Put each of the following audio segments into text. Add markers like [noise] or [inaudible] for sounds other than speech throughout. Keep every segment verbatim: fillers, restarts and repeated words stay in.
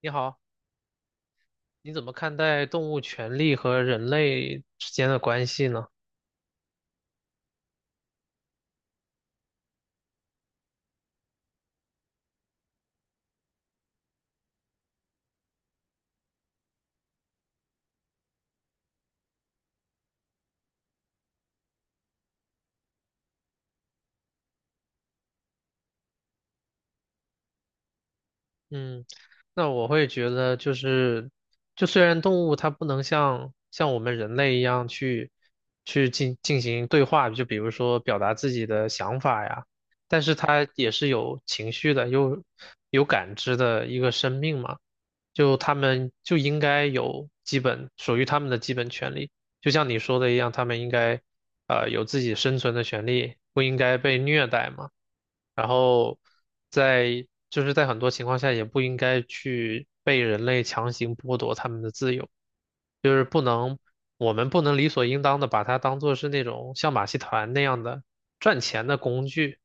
你好，你怎么看待动物权利和人类之间的关系呢？嗯，那我会觉得就是，就虽然动物它不能像像我们人类一样去去进进行对话，就比如说表达自己的想法呀，但是它也是有情绪的，有有感知的一个生命嘛，就它们就应该有基本属于它们的基本权利，就像你说的一样，它们应该呃有自己生存的权利，不应该被虐待嘛。然后在就是在很多情况下也不应该去被人类强行剥夺他们的自由，就是不能，我们不能理所应当的把它当做是那种像马戏团那样的赚钱的工具。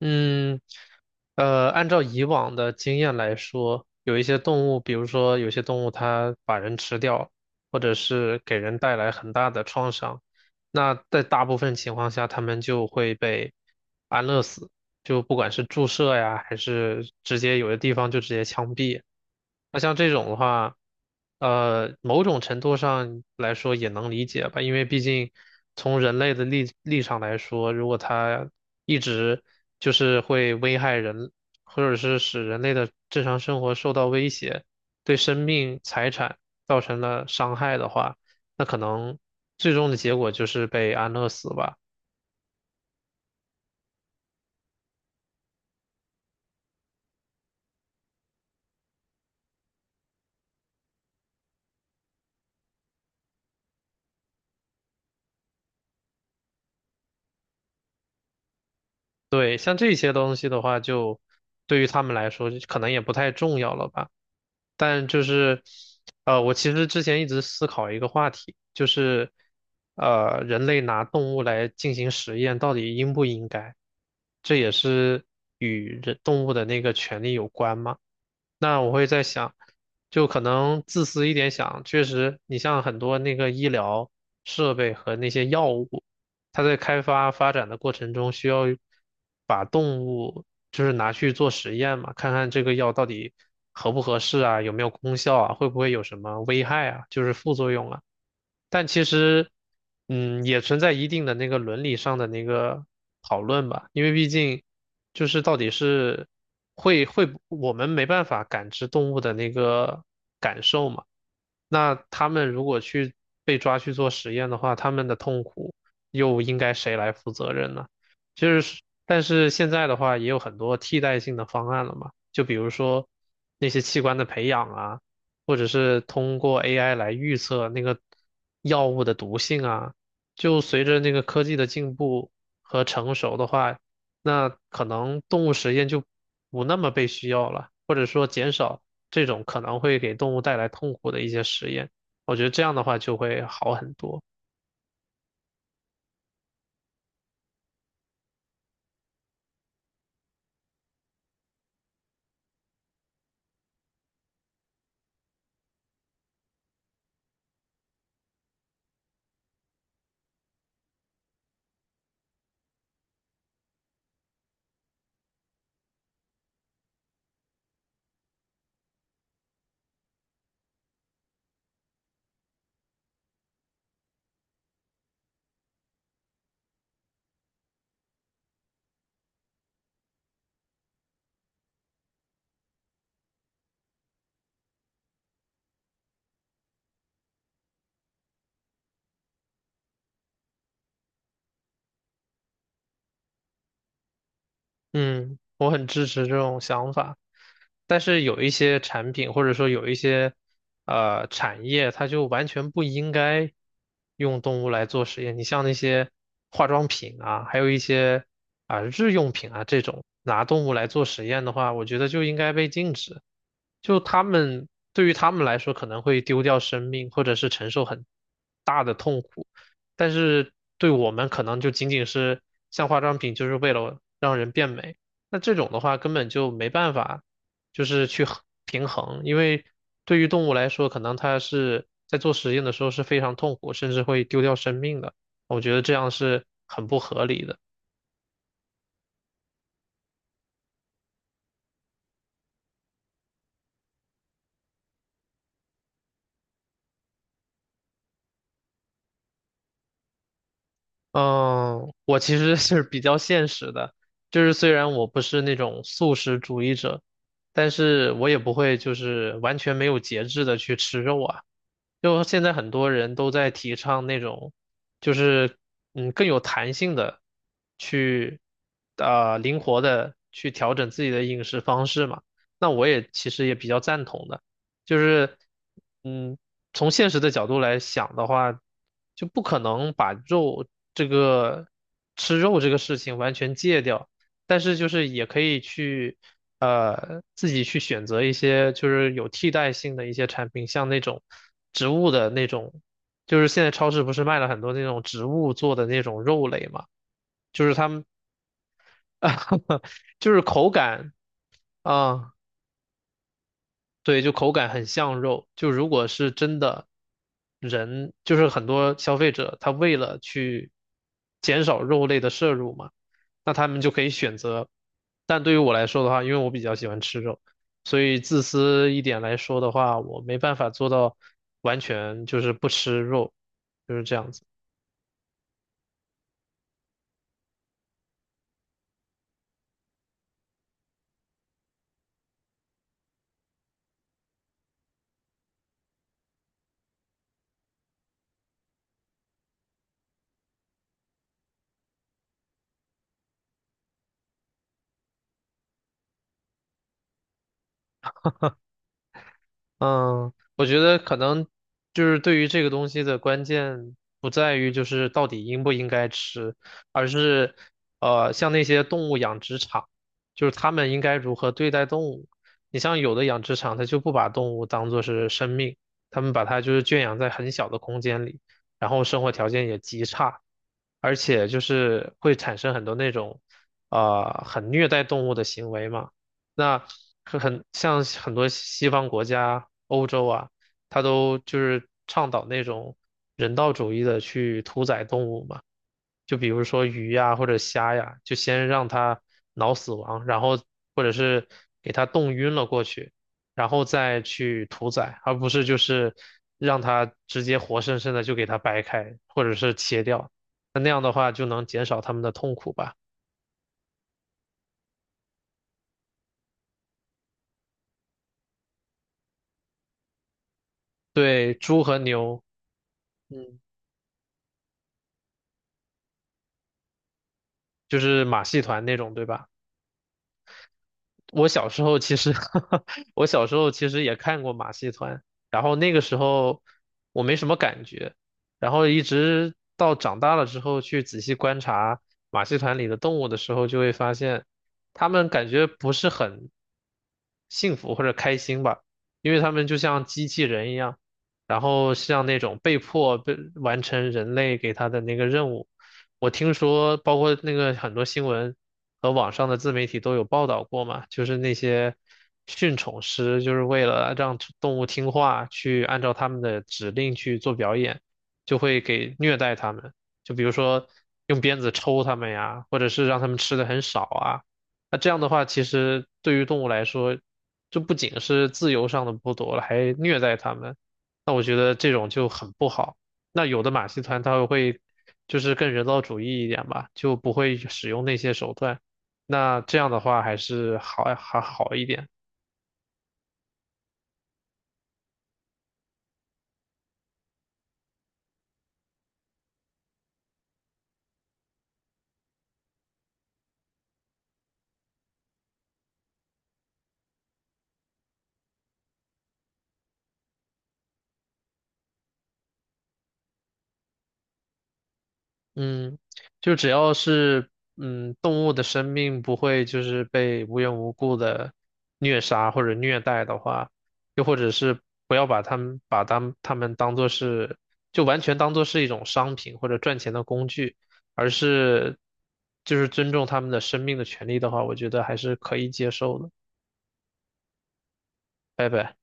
嗯，呃，按照以往的经验来说，有一些动物，比如说有些动物它把人吃掉，或者是给人带来很大的创伤，那在大部分情况下，它们就会被安乐死，就不管是注射呀，还是直接有的地方就直接枪毙。那像这种的话，呃，某种程度上来说也能理解吧，因为毕竟从人类的立立场来说，如果它一直就是会危害人，或者是使人类的正常生活受到威胁，对生命财产造成了伤害的话，那可能最终的结果就是被安乐死吧。对，像这些东西的话，就对于他们来说，就可能也不太重要了吧。但就是，呃，我其实之前一直思考一个话题，就是，呃，人类拿动物来进行实验，到底应不应该？这也是与人动物的那个权利有关嘛。那我会在想，就可能自私一点想，确实，你像很多那个医疗设备和那些药物。它在开发发展的过程中，需要把动物就是拿去做实验嘛，看看这个药到底合不合适啊，有没有功效啊，会不会有什么危害啊，就是副作用啊。但其实，嗯，也存在一定的那个伦理上的那个讨论吧，因为毕竟就是到底是会会不我们没办法感知动物的那个感受嘛。那他们如果去被抓去做实验的话，他们的痛苦，又应该谁来负责任呢？就是，但是现在的话也有很多替代性的方案了嘛，就比如说那些器官的培养啊，或者是通过 A I 来预测那个药物的毒性啊，就随着那个科技的进步和成熟的话，那可能动物实验就不那么被需要了，或者说减少这种可能会给动物带来痛苦的一些实验，我觉得这样的话就会好很多。嗯，我很支持这种想法，但是有一些产品或者说有一些呃产业，它就完全不应该用动物来做实验。你像那些化妆品啊，还有一些啊、日用品啊这种拿动物来做实验的话，我觉得就应该被禁止。就他们对于他们来说可能会丢掉生命，或者是承受很大的痛苦。但是对我们可能就仅仅是像化妆品，就是为了让人变美。那这种的话根本就没办法，就是去衡平衡，因为对于动物来说，可能它是在做实验的时候是非常痛苦，甚至会丢掉生命的。我觉得这样是很不合理的。嗯，我其实是比较现实的，就是虽然我不是那种素食主义者，但是我也不会就是完全没有节制的去吃肉啊。就现在很多人都在提倡那种，就是嗯更有弹性的去，啊灵活的去调整自己的饮食方式嘛。那我也其实也比较赞同的，就是嗯。从现实的角度来想的话，就不可能把肉这个吃肉这个事情完全戒掉，但是就是也可以去呃自己去选择一些就是有替代性的一些产品，像那种植物的那种，就是现在超市不是卖了很多那种植物做的那种肉类嘛，就是他们 [laughs] 就是口感啊。对，就口感很像肉。就如果是真的人，就是很多消费者，他为了去减少肉类的摄入嘛，那他们就可以选择。但对于我来说的话，因为我比较喜欢吃肉，所以自私一点来说的话，我没办法做到完全就是不吃肉，就是这样子。嗯，我觉得可能就是对于这个东西的关键不在于就是到底应不应该吃，而是呃像那些动物养殖场，就是他们应该如何对待动物。你像有的养殖场，它就不把动物当做是生命，他们把它就是圈养在很小的空间里，然后生活条件也极差，而且就是会产生很多那种呃很虐待动物的行为嘛。那可很像很多西方国家、欧洲啊，它都就是倡导那种人道主义的去屠宰动物嘛。就比如说鱼呀或者虾呀，就先让它脑死亡，然后或者是给它冻晕了过去，然后再去屠宰，而不是就是让它直接活生生的就给它掰开或者是切掉。那那样的话就能减少它们的痛苦吧。对，猪和牛。嗯就是马戏团那种，对吧？我小时候其实 [laughs] 我小时候其实也看过马戏团，然后那个时候我没什么感觉，然后一直到长大了之后去仔细观察马戏团里的动物的时候，就会发现他们感觉不是很幸福或者开心吧，因为他们就像机器人一样，然后像那种被迫被完成人类给他的那个任务。我听说，包括那个很多新闻，和网上的自媒体都有报道过嘛，就是那些驯宠师，就是为了让动物听话，去按照他们的指令去做表演，就会给虐待它们，就比如说用鞭子抽它们呀，或者是让它们吃的很少啊。那这样的话，其实对于动物来说，就不仅是自由上的剥夺了，还虐待它们。那我觉得这种就很不好。那有的马戏团它会就是更人道主义一点吧，就不会使用那些手段。那这样的话还是好还好一点。嗯，就只要是嗯动物的生命不会就是被无缘无故的虐杀或者虐待的话，又或者是不要把它们把它们它们当做是就完全当做是一种商品或者赚钱的工具，而是就是尊重他们的生命的权利的话，我觉得还是可以接受的。拜拜。